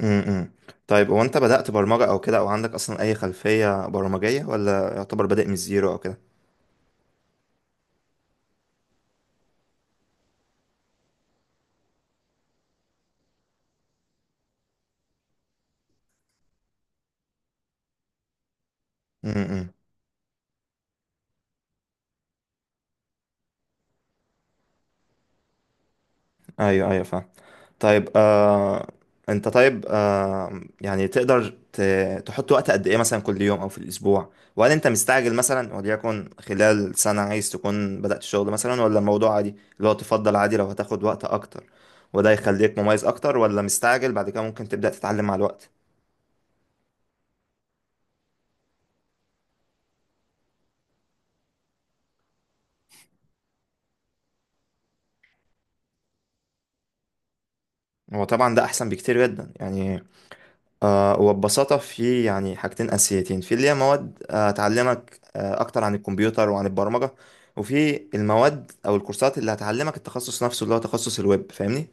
امم طيب هو انت بدأت برمجة او كده، او عندك اصلا اي خلفية برمجية، ولا يعتبر بادئ من الزيرو او كده؟ امم ايوه، ايوه، فاهم. طيب، انت، طيب، يعني تقدر تحط وقت قد ايه مثلا كل يوم او في الاسبوع؟ وهل انت مستعجل مثلا، وليكن خلال سنة عايز تكون بدأت الشغل مثلا، ولا الموضوع عادي اللي هو تفضل عادي لو هتاخد وقت اكتر؟ وده يخليك مميز اكتر، ولا مستعجل بعد كده ممكن تبدأ تتعلم مع الوقت؟ هو طبعا ده احسن بكتير جدا يعني. وببساطة في يعني حاجتين أساسيتين، في اللي هي مواد تعلمك أكتر عن الكمبيوتر وعن البرمجة. وفي المواد أو الكورسات اللي هتعلمك التخصص نفسه، اللي هو تخصص الويب، فاهمني.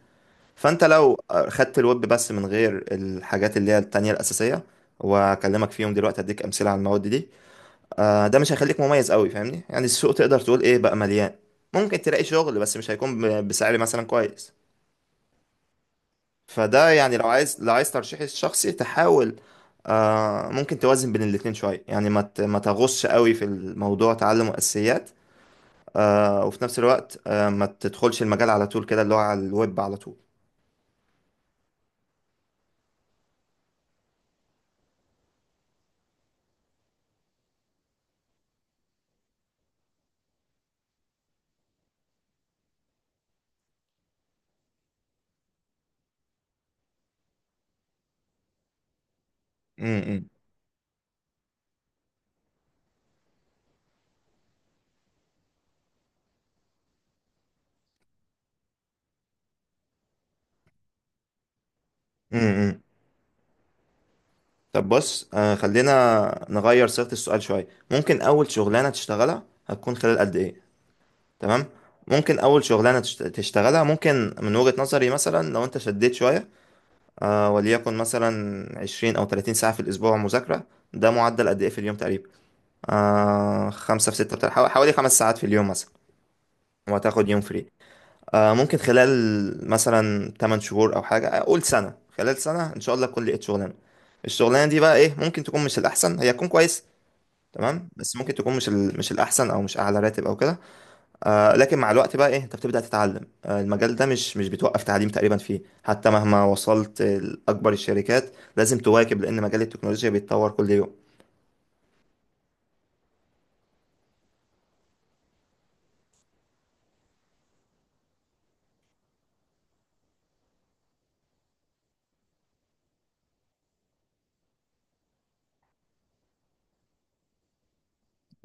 فأنت لو خدت الويب بس من غير الحاجات اللي هي التانية الأساسية، وأكلمك فيهم دلوقتي أديك أمثلة على المواد دي. ده مش هيخليك مميز قوي فاهمني، يعني السوق تقدر تقول إيه بقى مليان. ممكن تلاقي شغل بس مش هيكون بسعر مثلا كويس. فده يعني لو عايز ترشيحي الشخصي تحاول. ممكن توازن بين الاتنين شوية، يعني ما تغوصش قوي في الموضوع، تعلم أساسيات. وفي نفس الوقت، ما تدخلش المجال على طول كده، اللي هو على الويب على طول. امم امم طب بص، خلينا نغير صيغة السؤال شوية. ممكن أول شغلانة تشتغلها هتكون خلال قد إيه؟ تمام. ممكن أول شغلانة تشتغلها، ممكن من وجهة نظري مثلا، لو أنت شديت شوية، وليكن مثلا 20 أو 30 ساعة في الأسبوع مذاكرة. ده معدل قد إيه في اليوم تقريبا؟ خمسة في ستة، بتاع حوالي 5 ساعات في اليوم مثلا. وهتاخد يوم فري. ممكن خلال مثلا 8 شهور أو حاجة، أقول سنة، خلال سنة إن شاء الله تكون لقيت شغلانة. الشغلانة دي بقى إيه؟ ممكن تكون مش الأحسن، هي تكون كويس. تمام، بس ممكن تكون مش الأحسن، أو مش أعلى راتب أو كده. لكن مع الوقت بقى ايه، انت بتبدأ تتعلم المجال ده، مش بتوقف تعليم تقريبا فيه حتى مهما وصلت لأكبر الشركات. لازم تواكب، لأن مجال التكنولوجيا بيتطور كل يوم.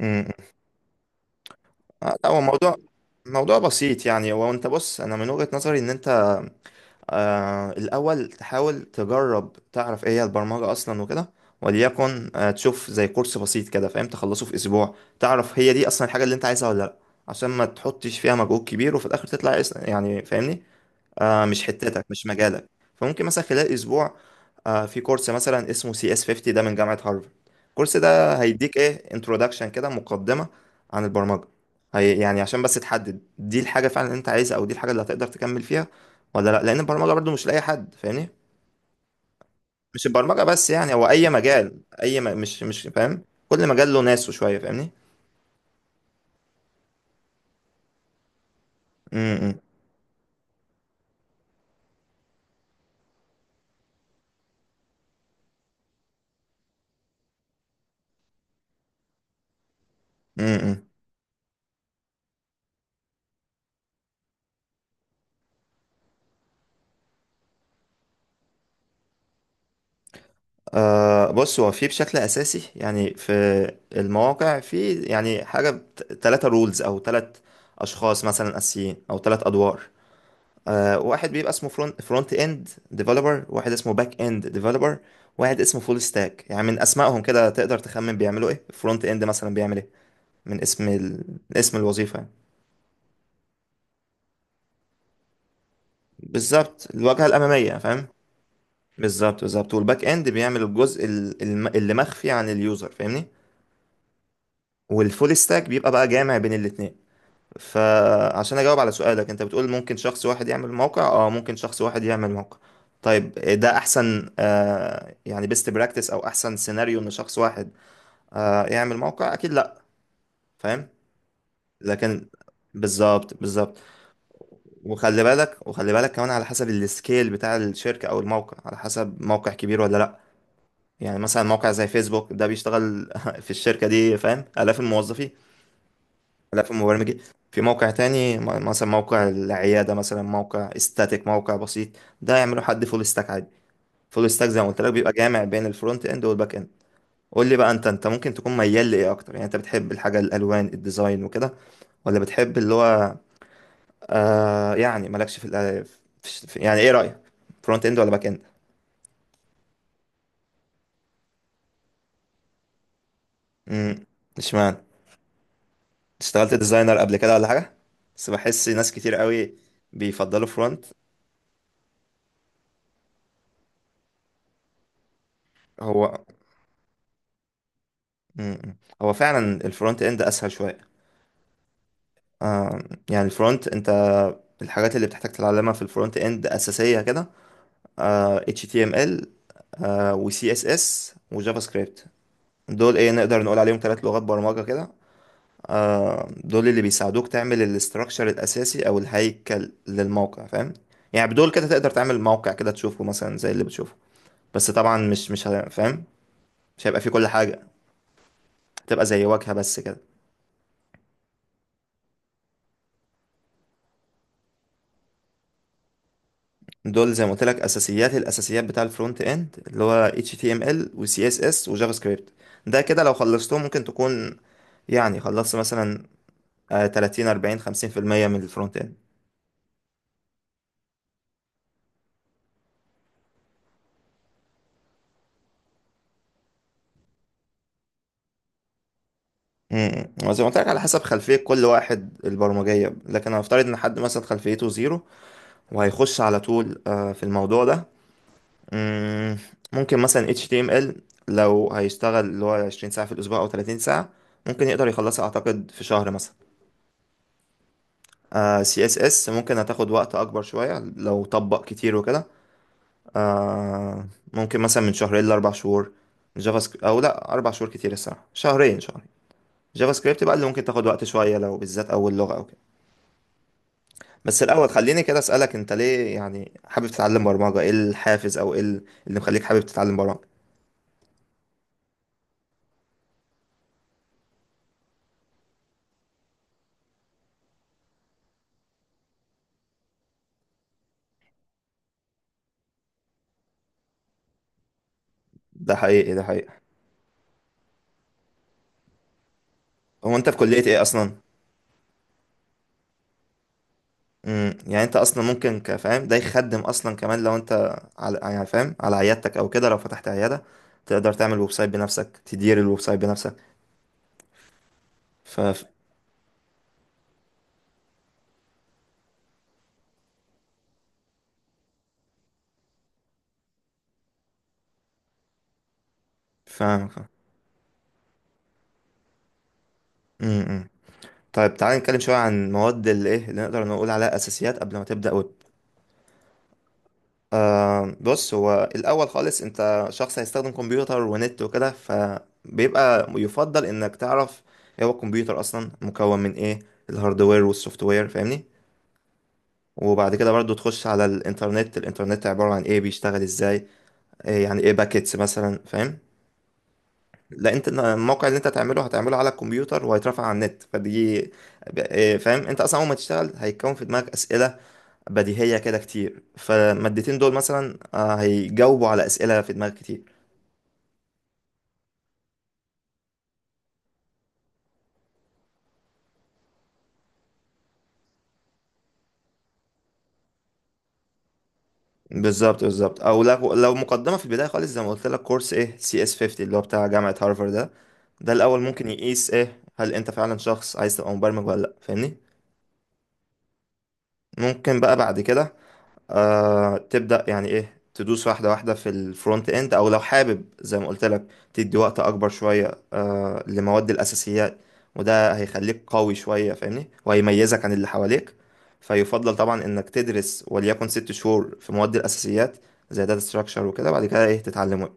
امم لا، هو موضوع بسيط يعني. هو انت بص، انا من وجهة نظري ان انت الأول تحاول تجرب، تعرف ايه هي البرمجة أصلا وكده. وليكن تشوف زي كورس بسيط كده فاهم، تخلصه في أسبوع. تعرف هي دي أصلا الحاجة اللي انت عايزها ولا لأ، عشان ما تحطش فيها مجهود كبير وفي الآخر تطلع يعني فاهمني، مش حتتك، مش مجالك. فممكن مثلا خلال اسبوع في كورس مثلا اسمه سي اس 50، ده من جامعة هارفارد. الكورس ده هيديك ايه، انترودكشن كده، مقدمة عن البرمجة. هي يعني عشان بس تحدد دي الحاجة فعلا اللي انت عايزها، او دي الحاجة اللي هتقدر تكمل فيها ولا لا، لان البرمجة برضو مش لأي حد فاهمني. مش البرمجة بس يعني، هو اي مجال، مش فاهم. كل مجال له ناسه شوية فاهمني. امم بص، هو في بشكل اساسي يعني، في المواقع، في يعني حاجه، 3 رولز، او 3 اشخاص مثلا اساسيين، او 3 ادوار. واحد بيبقى اسمه فرونت اند ديفلوبر، واحد اسمه باك اند ديفلوبر، واحد اسمه فول ستاك. يعني من اسمائهم كده تقدر تخمن بيعملوا ايه. فرونت اند مثلا بيعمل ايه، من اسم ال... اسم الوظيفه يعني. بالظبط، الواجهه الاماميه فاهم. بالظبط، بالظبط، والباك اند بيعمل الجزء اللي مخفي عن اليوزر فاهمني. والفول ستاك بيبقى بقى جامع بين الاتنين. فعشان اجاوب على سؤالك، انت بتقول ممكن شخص واحد يعمل موقع، ممكن شخص واحد يعمل موقع. طيب ده احسن، يعني بيست براكتس او احسن سيناريو ان شخص واحد يعمل موقع؟ اكيد لا. فاهم. لكن، بالظبط، بالظبط. وخلي بالك كمان على حسب السكيل بتاع الشركة او الموقع، على حسب موقع كبير ولا لا. يعني مثلا موقع زي فيسبوك، ده بيشتغل في الشركة دي فاهم آلاف الموظفين. لا في مبرمج. في موقع تاني مثلا موقع العيادة، مثلا موقع استاتيك، موقع بسيط. ده يعمله حد فول ستاك عادي. فول ستاك زي ما قلت لك بيبقى جامع بين الفرونت اند والباك اند. قول لي بقى، انت ممكن تكون ميال لايه اكتر، يعني انت بتحب الحاجة الالوان الديزاين وكده، ولا بتحب اللي هو يعني مالكش يعني ايه رأيك، فرونت اند ولا باك اند؟ امم اشمعنى، اشتغلت ديزاينر قبل كده ولا حاجة؟ بس بحس ناس كتير قوي بيفضلوا فرونت. هو مم. هو فعلا الفرونت اند اسهل شويه. آه يعني الفرونت انت، الحاجات اللي بتحتاج تتعلمها في الفرونت اند اساسيه كده، HTML و CSS وجافا سكريبت. دول ايه، نقدر نقول عليهم 3 لغات برمجه كده. دول اللي بيساعدوك تعمل الاستراكشر الاساسي او الهيكل للموقع فاهم. يعني بدول كده تقدر تعمل موقع كده تشوفه مثلا زي اللي بتشوفه، بس طبعا، مش فاهم، مش هيبقى فيه كل حاجه، تبقى زي واجهه بس كده. دول زي ما قلت لك اساسيات الاساسيات بتاع الفرونت اند، اللي هو HTML و CSS و جافا سكريبت. ده كده لو خلصتهم ممكن تكون، يعني خلصت مثلا 30 40 50% من الفرونت اند. وزي ما قلت لك على حسب خلفية كل واحد البرمجية، لكن هنفترض ان حد مثلا خلفيته زيرو، وهيخش على طول في الموضوع ده. مم، ممكن مثلا HTML، لو هيشتغل اللي هو 20 ساعة في الأسبوع أو 30 ساعة، ممكن يقدر يخلصها أعتقد في شهر مثلا. سي اس اس ممكن هتاخد وقت اكبر شويه لو طبق كتير وكده، آه ممكن مثلا من شهرين لاربع شهور. جافا سكريبت، او لا اربع شهور كتير الصراحه، شهرين شهرين. جافا سكريبت بقى اللي ممكن تاخد وقت شويه لو بالذات اول لغه او كده. بس الاول خليني كده اسالك، انت ليه يعني حابب تتعلم برمجه؟ ايه الحافز، او ايه اللي مخليك حابب تتعلم برمجه؟ ده حقيقي، ده حقيقي. هو انت في كليه ايه اصلا؟ يعني انت اصلا ممكن كفاهم ده يخدم اصلا كمان، لو انت على يعني فاهم على عيادتك او كده، لو فتحت عياده تقدر تعمل ويب سايت بنفسك، تدير الويب سايت بنفسك. ف فاهم. امم طيب، تعالى نتكلم شويه عن مواد الايه اللي نقدر نقول عليها اساسيات قبل ما تبدا ويب. بص، هو الاول خالص انت شخص هيستخدم كمبيوتر ونت وكده، فبيبقى يفضل انك تعرف ايه هو الكمبيوتر اصلا، مكون من ايه، الهاردوير والسوفت وير فاهمني. وبعد كده برضو تخش على الانترنت، الانترنت عبارة عن ايه، بيشتغل ازاي، إيه يعني ايه باكيتس مثلا فاهم. لا انت الموقع اللي انت هتعمله هتعمله على الكمبيوتر وهيترفع على النت، فدي إيه فاهم، انت اصلا اول ما تشتغل هيتكون في دماغك اسئله بديهيه كده كتير، فالمادتين دول مثلا هيجاوبوا على اسئله في دماغك كتير. بالظبط، بالظبط، او لو مقدمه في البدايه خالص زي ما قلت لك، كورس ايه سي اس 50 اللي هو بتاع جامعه هارفارد ده. ده الاول ممكن يقيس ايه، هل انت فعلا شخص عايز تبقى مبرمج ولا لا، فاهمني. ممكن بقى بعد كده تبدأ يعني ايه، تدوس واحدة واحدة في الفرونت اند، او لو حابب زي ما قلت لك تدي وقت اكبر شوية لمواد الاساسيات، وده هيخليك قوي شوية فاهمني، وهيميزك عن اللي حواليك. فيفضل طبعا انك تدرس وليكن 6 شهور في مواد الاساسيات، زي داتا ستراكشر وكده بعد كده ايه تتعلم